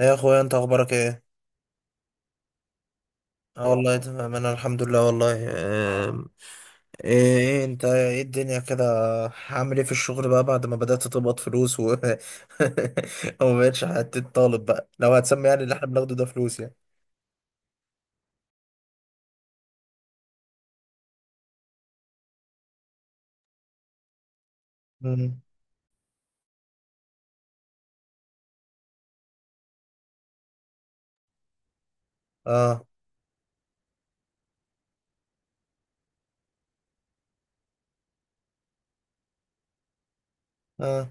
ايه يا اخويا، انت اخبارك ايه؟ اه، والله تمام. انا الحمد لله والله. آم، ايه انت ايه الدنيا كده؟ هعمل ايه في الشغل بقى بعد ما بدأت تقبض فلوس و وما بقتش حتة طالب بقى. لو هتسمي يعني اللي احنا بناخده ده فلوس يعني. مم. اه، اه.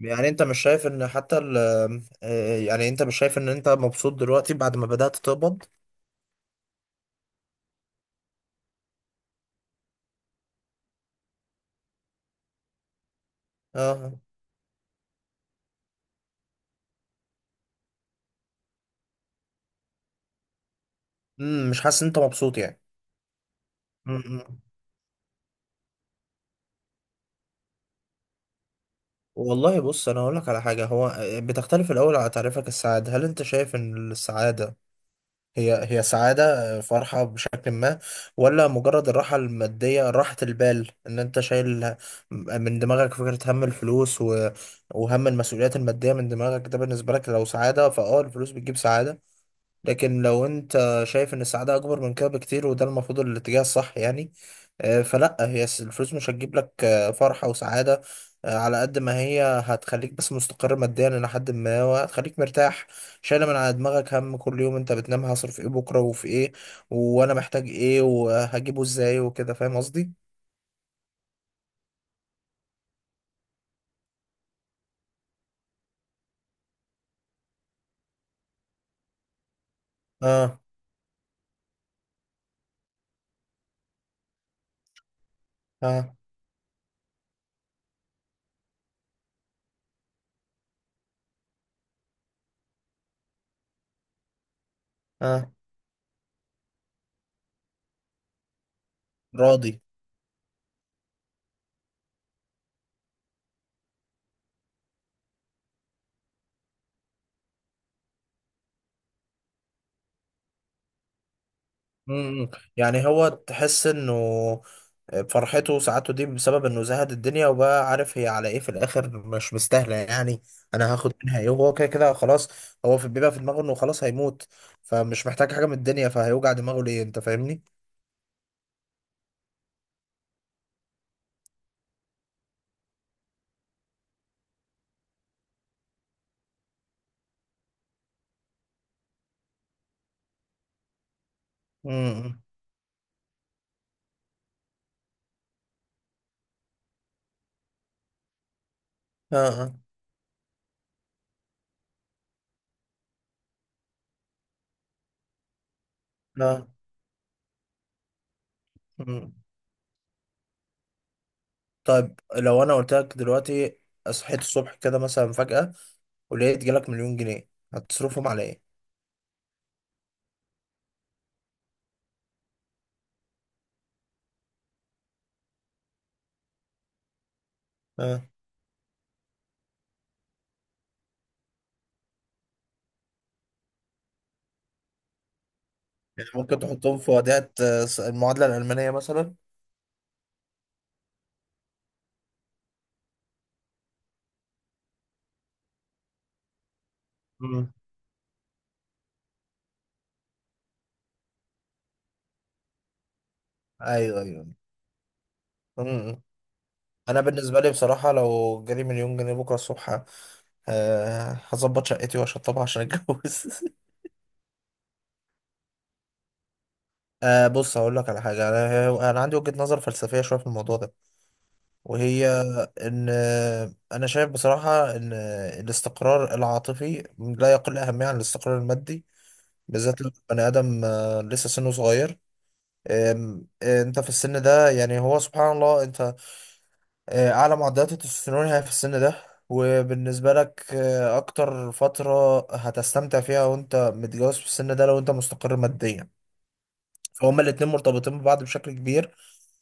يعني انت مش شايف ان حتى ال... يعني انت مش شايف ان انت مبسوط دلوقتي بعد ما بدأت تقبض؟ اه. مش حاسس ان انت مبسوط. يعني والله بص، انا هقول لك على حاجه. هو بتختلف الاول على تعريفك السعاده. هل انت شايف ان السعاده هي سعاده، فرحه بشكل ما، ولا مجرد الراحه الماديه، راحه البال ان انت شايل من دماغك فكره هم الفلوس، و... وهم المسؤوليات الماديه من دماغك؟ ده بالنسبه لك لو سعاده فاه الفلوس بتجيب سعاده. لكن لو انت شايف ان السعادة اكبر من كده بكتير، وده المفروض الاتجاه الصح يعني، فلا هي الفلوس مش هتجيب لك فرحة وسعادة. على قد ما هي هتخليك بس مستقر ماديا الى حد ما، وهتخليك مرتاح، شايلة من على دماغك هم كل يوم. انت بتنام هصرف ايه بكرة وفي ايه، وانا محتاج ايه وهجيبه ازاي وكده. فاهم قصدي؟ اه، اه، اه. راضي. م- م. يعني هو تحس انه فرحته وسعادته دي بسبب انه زهد الدنيا، وبقى عارف هي على ايه، في الاخر مش مستاهله يعني. انا هاخد منها ايه؟ وهو كده كده خلاص. هو في بيبقى في دماغه انه خلاص هيموت، فمش محتاج حاجه من الدنيا، فهيوجع دماغه ليه؟ انت فاهمني؟ امم اه، اه. اه. مم. طيب لو انا قلت لك دلوقتي صحيت الصبح كده مثلا فجأة، ولقيت جالك مليون جنيه، هتصرفهم على ايه؟ اه. يعني ممكن تحطهم في وديعة المعادلة الألمانية مثلا؟ مم. ايوه، ايوه. مم. انا بالنسبه لي بصراحه، لو جالي مليون جنيه بكره الصبح، أه هظبط شقتي واشطبها عشان اتجوز. أه، بص هقول لك على حاجه. انا عندي وجهه نظر فلسفيه شويه في الموضوع ده، وهي ان انا شايف بصراحه ان الاستقرار العاطفي لا يقل اهميه عن الاستقرار المادي، بالذات لو بني ادم لسه سنه صغير. انت في السن ده، يعني هو سبحان الله، انت أعلى معدلات التستوستيرون هي في السن ده، وبالنسبة لك أكتر فترة هتستمتع فيها وأنت متجوز في السن ده، لو أنت مستقر ماديا. فهما الاتنين مرتبطين ببعض بشكل كبير.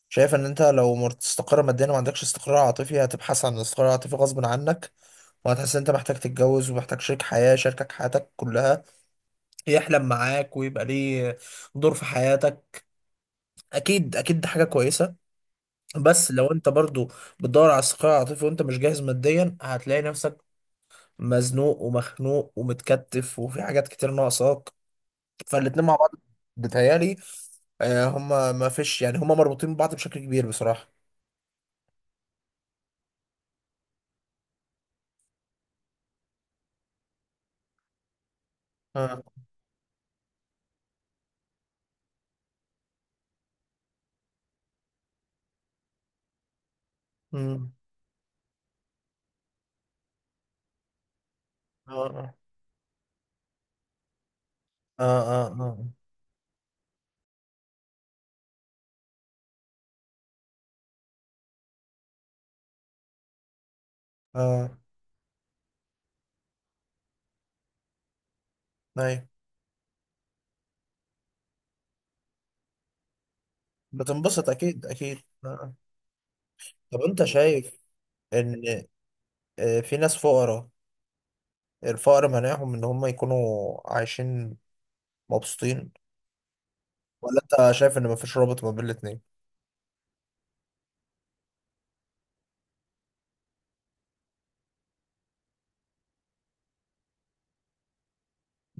شايف إن أنت لو مستقر ماديا وما عندكش استقرار عاطفي، هتبحث عن الاستقرار العاطفي غصب عنك، وهتحس إن أنت محتاج تتجوز ومحتاج شريك حياة شاركك حياتك كلها، يحلم معاك، ويبقى ليه دور في حياتك. أكيد أكيد دي حاجة كويسة. بس لو انت برضو بتدور على الصقيع العاطفي وانت مش جاهز ماديا، هتلاقي نفسك مزنوق ومخنوق ومتكتف، وفي حاجات كتير ناقصاك. فالاتنين مع بعض، بتهيالي هما ما فيش، يعني هما مربوطين ببعض بشكل كبير بصراحة. اه. امم اه، اه، اه، اه، اه. ايوه بتنبسط، اكيد اكيد. آه. آه. طب انت شايف ان في ناس فقراء، الفقر مانعهم ان هم يكونوا عايشين مبسوطين؟ ولا انت شايف ان مفيش رابط ما بين الاتنين؟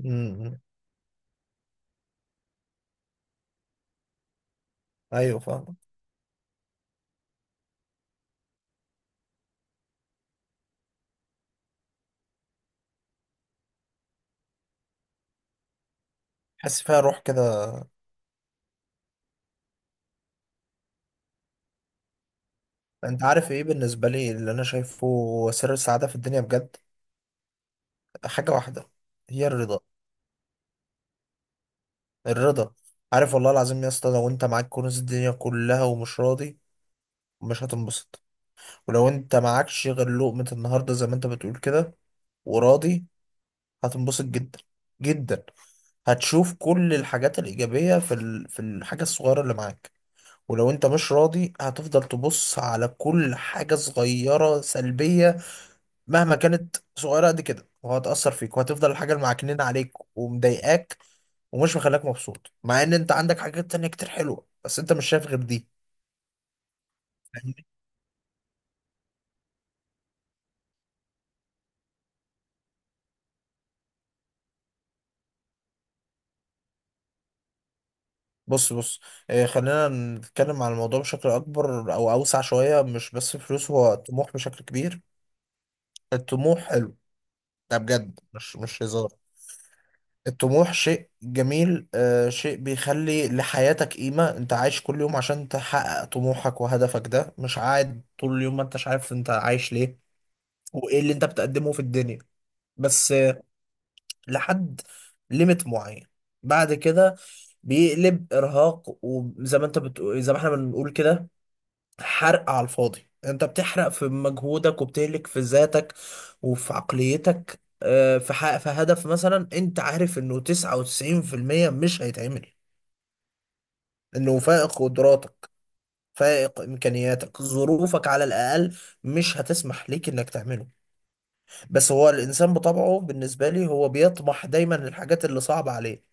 امم ايوه فاهم. حس فيها روح كده. انت عارف ايه بالنسبه لي اللي انا شايفه سر السعاده في الدنيا بجد؟ حاجه واحده. هي الرضا. الرضا. عارف، والله العظيم يا اسطى، لو انت معاك كنوز الدنيا كلها ومش راضي، مش هتنبسط. ولو انت معكش غير لقمه النهارده، زي ما انت بتقول كده، وراضي، هتنبسط جدا، جدا. هتشوف كل الحاجات الايجابيه في الحاجه الصغيره اللي معاك. ولو انت مش راضي، هتفضل تبص على كل حاجة صغيرة سلبية، مهما كانت صغيرة قد كده، وهتأثر فيك، وهتفضل الحاجة اللي معكنين عليك ومضايقاك، ومش مخليك مبسوط، مع ان انت عندك حاجات تانية كتير حلوة، بس انت مش شايف غير دي. فاهمني؟ بص، بص. اه، خلينا نتكلم عن الموضوع بشكل اكبر او اوسع شوية. مش بس فلوس، هو طموح بشكل كبير. الطموح حلو، ده بجد مش هزار. الطموح شيء جميل، شيء بيخلي لحياتك قيمة. انت عايش كل يوم عشان تحقق طموحك وهدفك، ده مش قاعد طول اليوم ما انتش عارف انت عايش ليه وايه اللي انت بتقدمه في الدنيا. بس لحد ليميت معين بعد كده بيقلب ارهاق، وزي ما انت بتقول، زي ما احنا بنقول كده، حرق على الفاضي. انت بتحرق في مجهودك وبتهلك في ذاتك وفي عقليتك في حق في هدف مثلا انت عارف انه 99% مش هيتعمل، انه فائق قدراتك، فائق امكانياتك، ظروفك على الاقل مش هتسمح ليك انك تعمله. بس هو الانسان بطبعه بالنسبة لي هو بيطمح دايما للحاجات اللي صعبة عليه.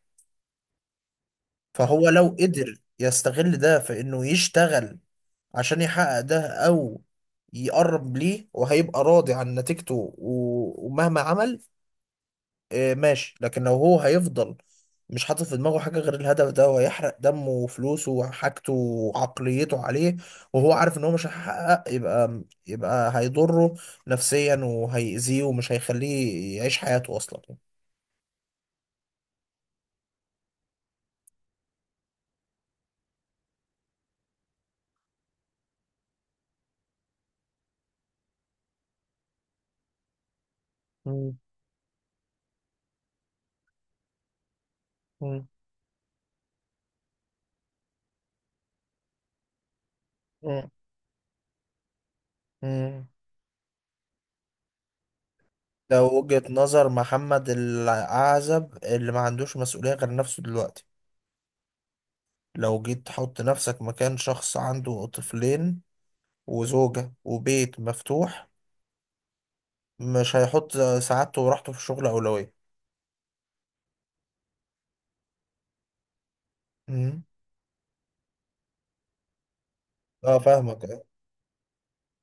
فهو لو قدر يستغل ده في انه يشتغل عشان يحقق ده، او يقرب ليه، وهيبقى راضي عن نتيجته ومهما عمل، ماشي. لكن لو هو هيفضل مش حاطط في دماغه حاجة غير الهدف ده، وهيحرق دمه وفلوسه وحاجته وعقليته عليه، وهو عارف ان هو مش هيحقق، يبقى هيضره نفسيا وهيأذيه، ومش هيخليه يعيش حياته اصلا. مم. مم. مم. مم. ده وجهة نظر محمد العزب اللي ما عندوش مسؤولية غير نفسه دلوقتي. لو جيت تحط نفسك مكان شخص عنده طفلين وزوجة وبيت مفتوح، مش هيحط سعادته وراحته في الشغل أولوية. مم. اه، فاهمك.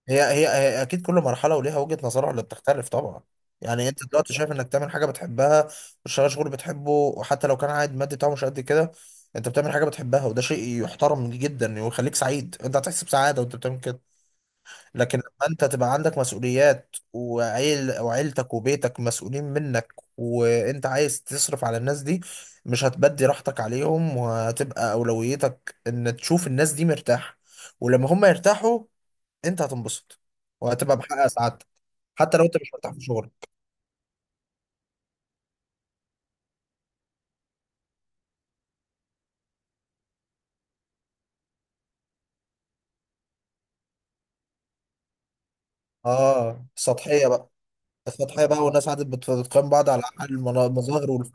هي أكيد كل مرحلة وليها وجهة نظرها اللي بتختلف طبعا. يعني أنت دلوقتي شايف إنك تعمل حاجة بتحبها، وتشتغل شغل بتحبه، وحتى لو كان عائد مادي بتاعه مش قد كده، أنت بتعمل حاجة بتحبها، وده شيء يحترم جدا ويخليك سعيد. أنت هتحس بسعادة وأنت بتعمل كده. لكن لما انت تبقى عندك مسؤوليات وعيل وعيلتك وبيتك مسؤولين منك، وانت عايز تصرف على الناس دي، مش هتبدي راحتك عليهم، وهتبقى اولويتك ان تشوف الناس دي مرتاحة. ولما هم يرتاحوا، انت هتنبسط، وهتبقى محقق سعادتك، حتى لو انت مش مرتاح في شغلك. اه، السطحية بقى. السطحية بقى، والناس قعدت بتقيم بعض على حال المظاهر.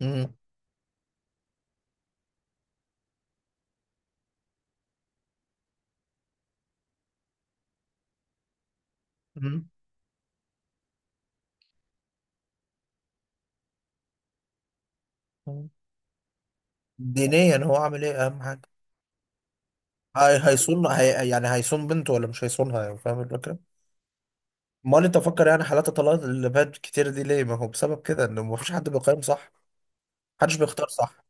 مم. مم. دينيا هو عامل ايه؟ اهم حاجة. هي هيصون هي يعني هيصون بنته ولا مش هيصونها؟ يعني فاهم الفكرة؟ امال انت فكر يعني حالات الطلاق اللي بقت كتير دي ليه؟ ما هو بسبب كده، ان مفيش حد بيقيم صح، محدش بيختار صح.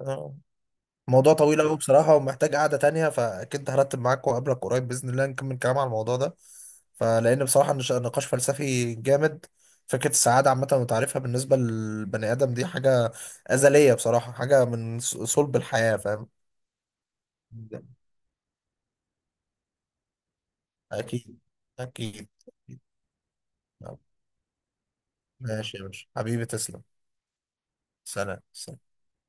آه. موضوع طويل قوي بصراحة، ومحتاج قعدة تانية، فأكيد هرتب معاك وأقابلك قريب بإذن الله، نكمل كلام على الموضوع ده. فلأن بصراحة نقاش فلسفي جامد. فكرة السعادة عامة، وتعريفها بالنسبة للبني آدم، دي حاجة أزلية بصراحة. حاجة من صلب الحياة. فاهم؟ يعني أكيد أكيد. ماشي يا باشا، حبيبي تسلم. سلام، سلام.